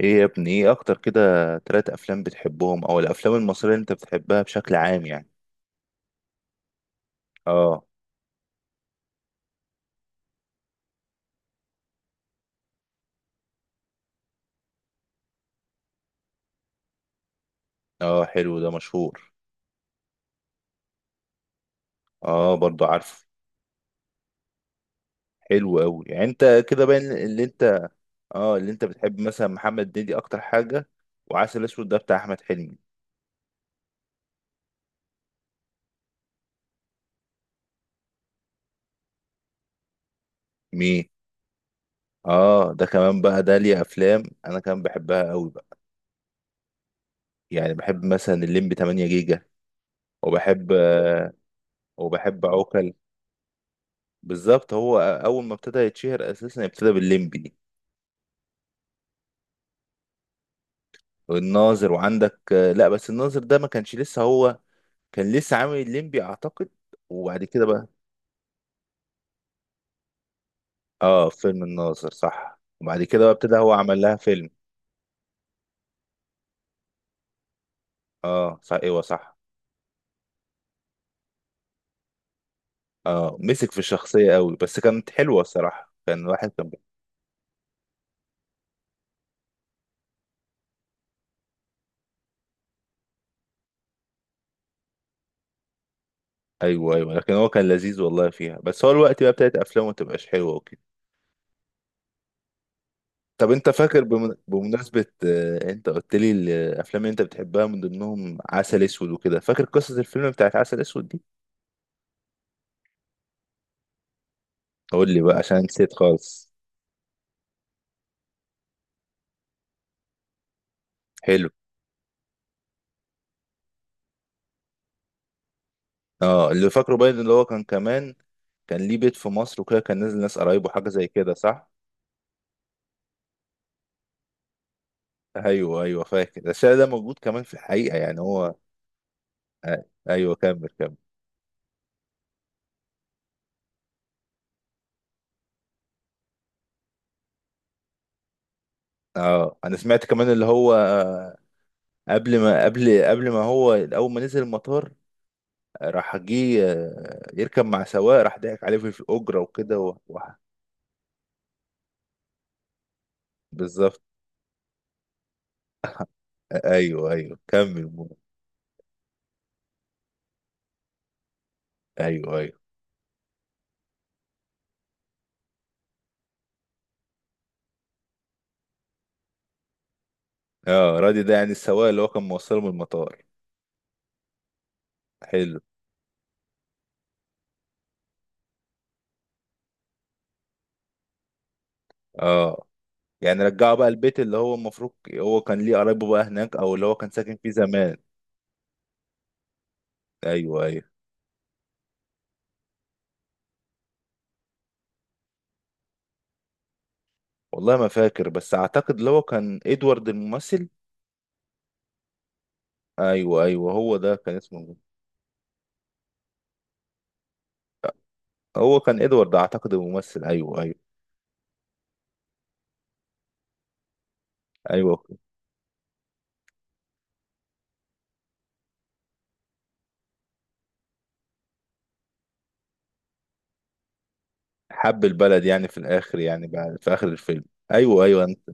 ايه يا ابني، ايه اكتر كده؟ تلات افلام بتحبهم او الافلام المصرية اللي انت بتحبها بشكل عام يعني. اه. اه حلو، ده مشهور. اه برضو عارفه. حلو قوي، يعني انت كده باين اللي انت. اه، اللي انت بتحب مثلا محمد هنيدي اكتر حاجة؟ وعسل اسود ده بتاع احمد حلمي؟ مين؟ اه ده كمان بقى، ده ليه افلام انا كمان بحبها قوي بقى. يعني بحب مثلا الليمبي 8 جيجا، وبحب آه، وبحب عوكل. بالظبط، هو اول ما ابتدى يتشهر اساسا ابتدى بالليمبي. والناظر، وعندك لا بس الناظر ده ما كانش لسه هو، كان لسه عامل الليمبي اعتقد، وبعد كده بقى. اه فيلم الناظر صح، وبعد كده بقى ابتدى هو عمل لها فيلم. اه صح، ايوه صح. اه مسك في الشخصية قوي بس كانت حلوة الصراحة، كان واحد كان. ايوه ايوه، لكن هو كان لذيذ والله فيها، بس هو الوقت بقى ابتدت افلامه ما تبقاش حلوة وكده. طب انت فاكر بمناسبة انت قلت لي الافلام اللي انت بتحبها من ضمنهم عسل اسود وكده، فاكر قصة الفيلم بتاعت عسل اسود دي؟ قول لي بقى عشان نسيت خالص. حلو. اه اللي فاكره باين اللي هو كان كمان، كان ليه بيت في مصر وكده، كان نازل ناس قرايبه حاجه زي كده صح. ايوه ايوه فاكر، ده الشارع ده موجود كمان في الحقيقه، يعني هو. آه، ايوه، كمل كمل. اه انا سمعت كمان اللي هو قبل ما هو اول ما نزل المطار، راح جه يركب مع سواق، راح ضحك عليه في الاجره وكده بالظبط. ايوه ايوه كمل مو. ايوه ايوه. اه رادي ده يعني السواق اللي هو كان موصله من المطار. حلو. اه، يعني رجعه بقى البيت اللي هو المفروض هو كان ليه قرايبه بقى هناك، او اللي هو كان ساكن فيه زمان. ايوه ايوه. والله ما فاكر بس اعتقد اللي هو كان ادوارد الممثل. ايوه ايوه هو ده كان اسمه. هو كان ادوارد اعتقد الممثل، ايوه ايوه ايوه. حب البلد يعني في الاخر، يعني بعد في اخر الفيلم. ايوه ايوه. انت،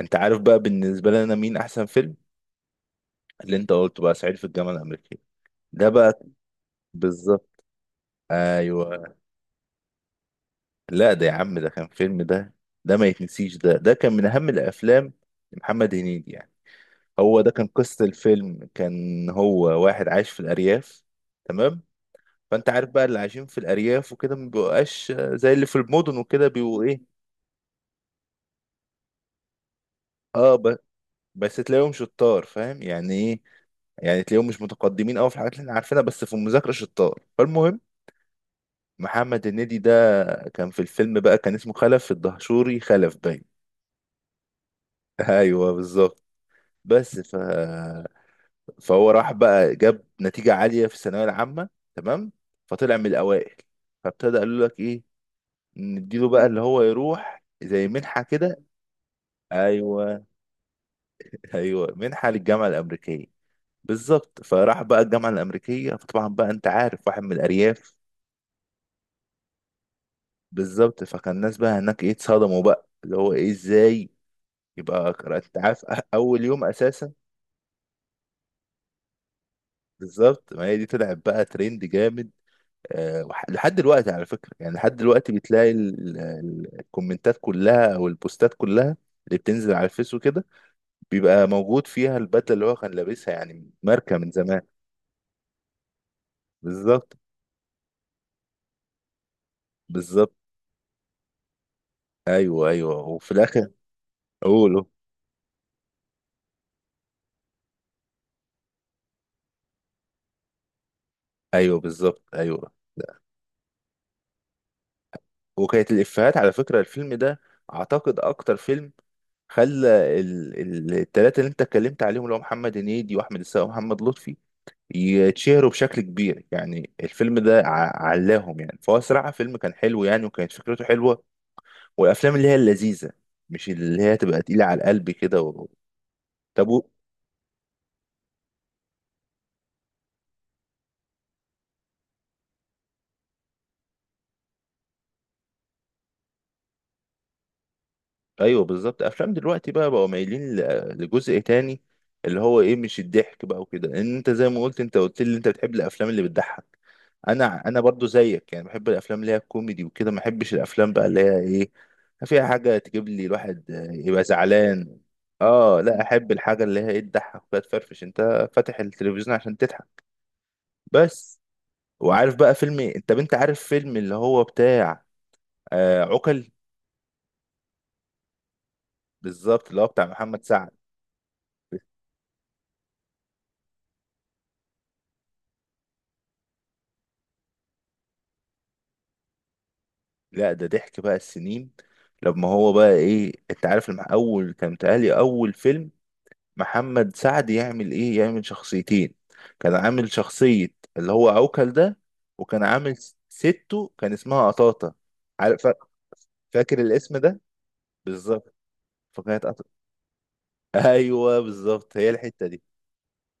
انت عارف بقى بالنسبه لنا مين احسن فيلم؟ اللي انت قلته بقى، صعيدي في الجامعه الامريكيه ده بقى. بالظبط. ايوه. لا ده يا عم ده كان فيلم، ده ما يتنسيش، ده كان من أهم الأفلام لمحمد هنيدي يعني. هو ده كان قصة الفيلم، كان هو واحد عايش في الأرياف. تمام. فأنت عارف بقى اللي عايشين في الأرياف وكده ما بيبقاش زي اللي في المدن وكده، بيبقوا إيه. أه ب- بس تلاقيهم شطار، فاهم يعني إيه. يعني تلاقيهم مش متقدمين قوي في الحاجات اللي احنا عارفينها، بس في المذاكره شطار. فالمهم، محمد هنيدي ده كان في الفيلم بقى كان اسمه خلف الدهشوري، خلف باين. ايوه بالظبط. بس ف فهو راح بقى جاب نتيجة عالية في الثانوية العامة. تمام. فطلع من الأوائل، فابتدى قالوا لك إيه، نديله بقى اللي هو يروح زي منحة كده. أيوه. أيوه، منحة للجامعة الأمريكية. بالظبط، فراح بقى الجامعة الأمريكية، فطبعا بقى أنت عارف واحد من الأرياف. بالظبط، فكان الناس بقى هناك إيه، اتصدموا بقى اللي هو إيه، إزاي يبقى أنت عارف. أول يوم أساسا. بالظبط، ما هي دي طلعت بقى ترند جامد. لحد دلوقتي على فكرة، يعني لحد دلوقتي بتلاقي الكومنتات كلها او البوستات كلها اللي بتنزل على الفيس وكده بيبقى موجود فيها البدلة اللي هو كان لابسها، يعني ماركة من زمان. بالظبط. بالظبط. ايوه ايوه، وفي الاخر اقوله. ايوه بالظبط. ايوه. لا. وكانت الافيهات على فكرة الفيلم ده، اعتقد اكتر فيلم خلى التلاتة اللي انت اتكلمت عليهم، اللي هو محمد هنيدي واحمد السقا ومحمد لطفي، يتشهروا بشكل كبير، يعني الفيلم ده علاهم يعني. فهو صراحة فيلم كان حلو يعني، وكانت فكرته حلوة. والأفلام اللي هي اللذيذة، مش اللي هي تبقى تقيلة على القلب كده طب. ايوه بالظبط، افلام دلوقتي بقى بقوا مايلين لجزء تاني، اللي هو ايه، مش الضحك بقى وكده، لان انت زي ما قلت، انت قلت لي انت بتحب الافلام اللي بتضحك. انا برضو زيك يعني، بحب الافلام اللي هي الكوميدي وكده، ما بحبش الافلام بقى اللي هي ايه، فيها حاجه تجيب لي الواحد يبقى زعلان. اه، لا احب الحاجه اللي هي ايه، تضحك بقى، تفرفش انت فاتح التلفزيون عشان تضحك، بس. وعارف بقى فيلم، انت عارف فيلم اللي هو بتاع آه عقل. بالظبط، اللي هو بتاع محمد سعد. لا ده ضحك بقى السنين، لما هو بقى ايه، انت عارف لما اول كان متهيألي اول فيلم محمد سعد يعمل ايه، يعمل شخصيتين. كان عامل شخصية اللي هو عوكل ده، وكان عامل سته كان اسمها قطاطة. عارف فاكر الاسم ده. بالظبط، فكانت قطاطة. ايوه بالظبط هي الحتة دي.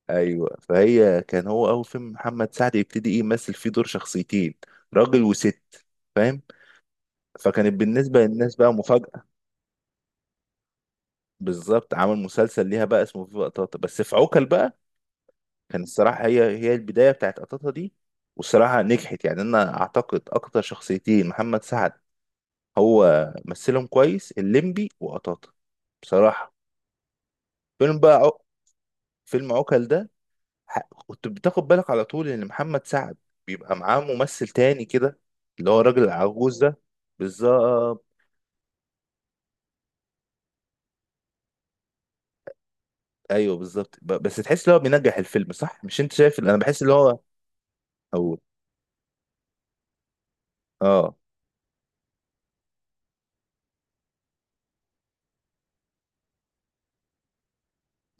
ايوه، فهي كان هو اول فيلم محمد سعد يبتدي ايه يمثل فيه دور شخصيتين، راجل وست، فاهم. فكانت بالنسبة للناس بقى مفاجأة. بالظبط، عمل مسلسل ليها بقى اسمه فيفا قطاطا، بس في عوكل بقى كان الصراحة هي البداية بتاعت قطاطا دي. والصراحة نجحت، يعني أنا أعتقد أكتر شخصيتين محمد سعد هو مثلهم كويس، الليمبي وقطاطا، بصراحة. فيلم بقى فيلم عوكل ده. ح... كنت بتاخد بالك على طول إن محمد سعد بيبقى معاه ممثل تاني كده، اللي هو الراجل العجوز ده. بالظبط. أيوه بالظبط، بس تحس إن هو بينجح الفيلم، صح؟ مش أنت شايف، أنا بحس إن هو. أو آه.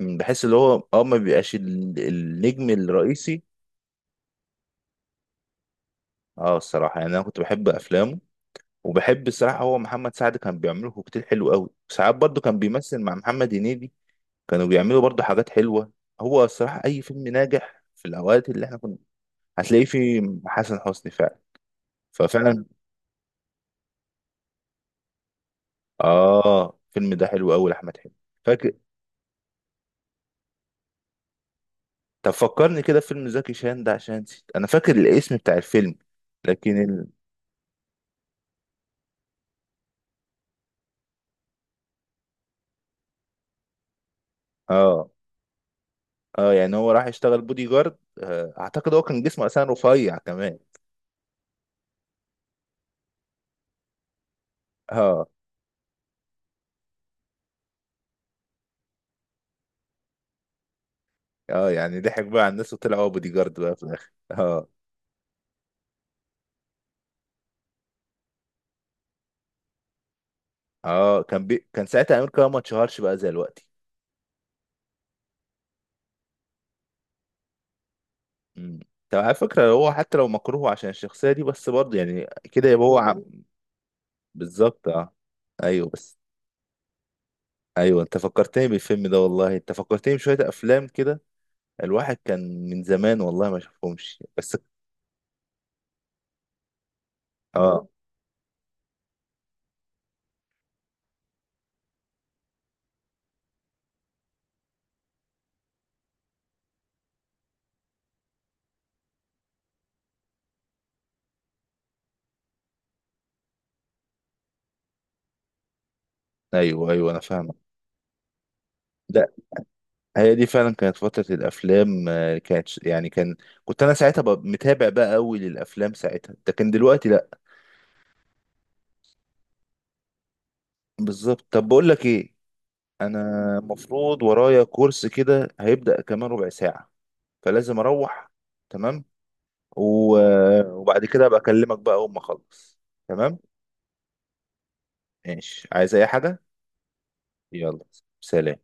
بحس اللي هو اه ما بيبقاش النجم الرئيسي. اه الصراحه يعني انا كنت بحب افلامه، وبحب الصراحه هو محمد سعد كان بيعمله كوكتيل حلو قوي. ساعات برضه كان بيمثل مع محمد هنيدي، كانوا بيعملوا برضه حاجات حلوه. هو الصراحه اي فيلم ناجح في الاوقات اللي احنا كنا، هتلاقيه فيه. حسن حسني فعلا. ففعلا. اه الفيلم ده حلو قوي لاحمد حلمي. فاكر. طب فكرني كده في فيلم زكي شان ده عشان نسيت، انا فاكر الاسم بتاع الفيلم لكن ال... اه. اه يعني هو راح يشتغل بودي جارد. اعتقد هو كان جسمه اساسا رفيع كمان. اه. اه يعني ضحك بقى على الناس وطلع هو بودي جارد بقى في الاخر، اه. اه كان كان ساعتها امير كرارة ما اتشهرش بقى زي دلوقتي. امم. طب على فكرة هو حتى لو مكروه عشان الشخصية دي، بس برضه يعني كده يبقى هو بالظبط اه. ايوه بس. ايوه انت فكرتني بالفيلم ده والله، انت فكرتني بشوية افلام كده الواحد كان من زمان والله ما شافهمش بس. اه ايوه ايوه انا فاهمك. هي دي فعلا كانت فترة الأفلام، يعني كان، كنت أنا ساعتها ببقى متابع بقى أوي للأفلام ساعتها، لكن دلوقتي لأ. بالظبط. طب بقول لك إيه، أنا المفروض ورايا كورس كده هيبدأ كمان ربع ساعة، فلازم أروح. تمام. و... آه، وبعد كده أبقى أكلمك بقى أول ما أخلص. تمام ماشي، عايز أي حاجة؟ يلا، سلام.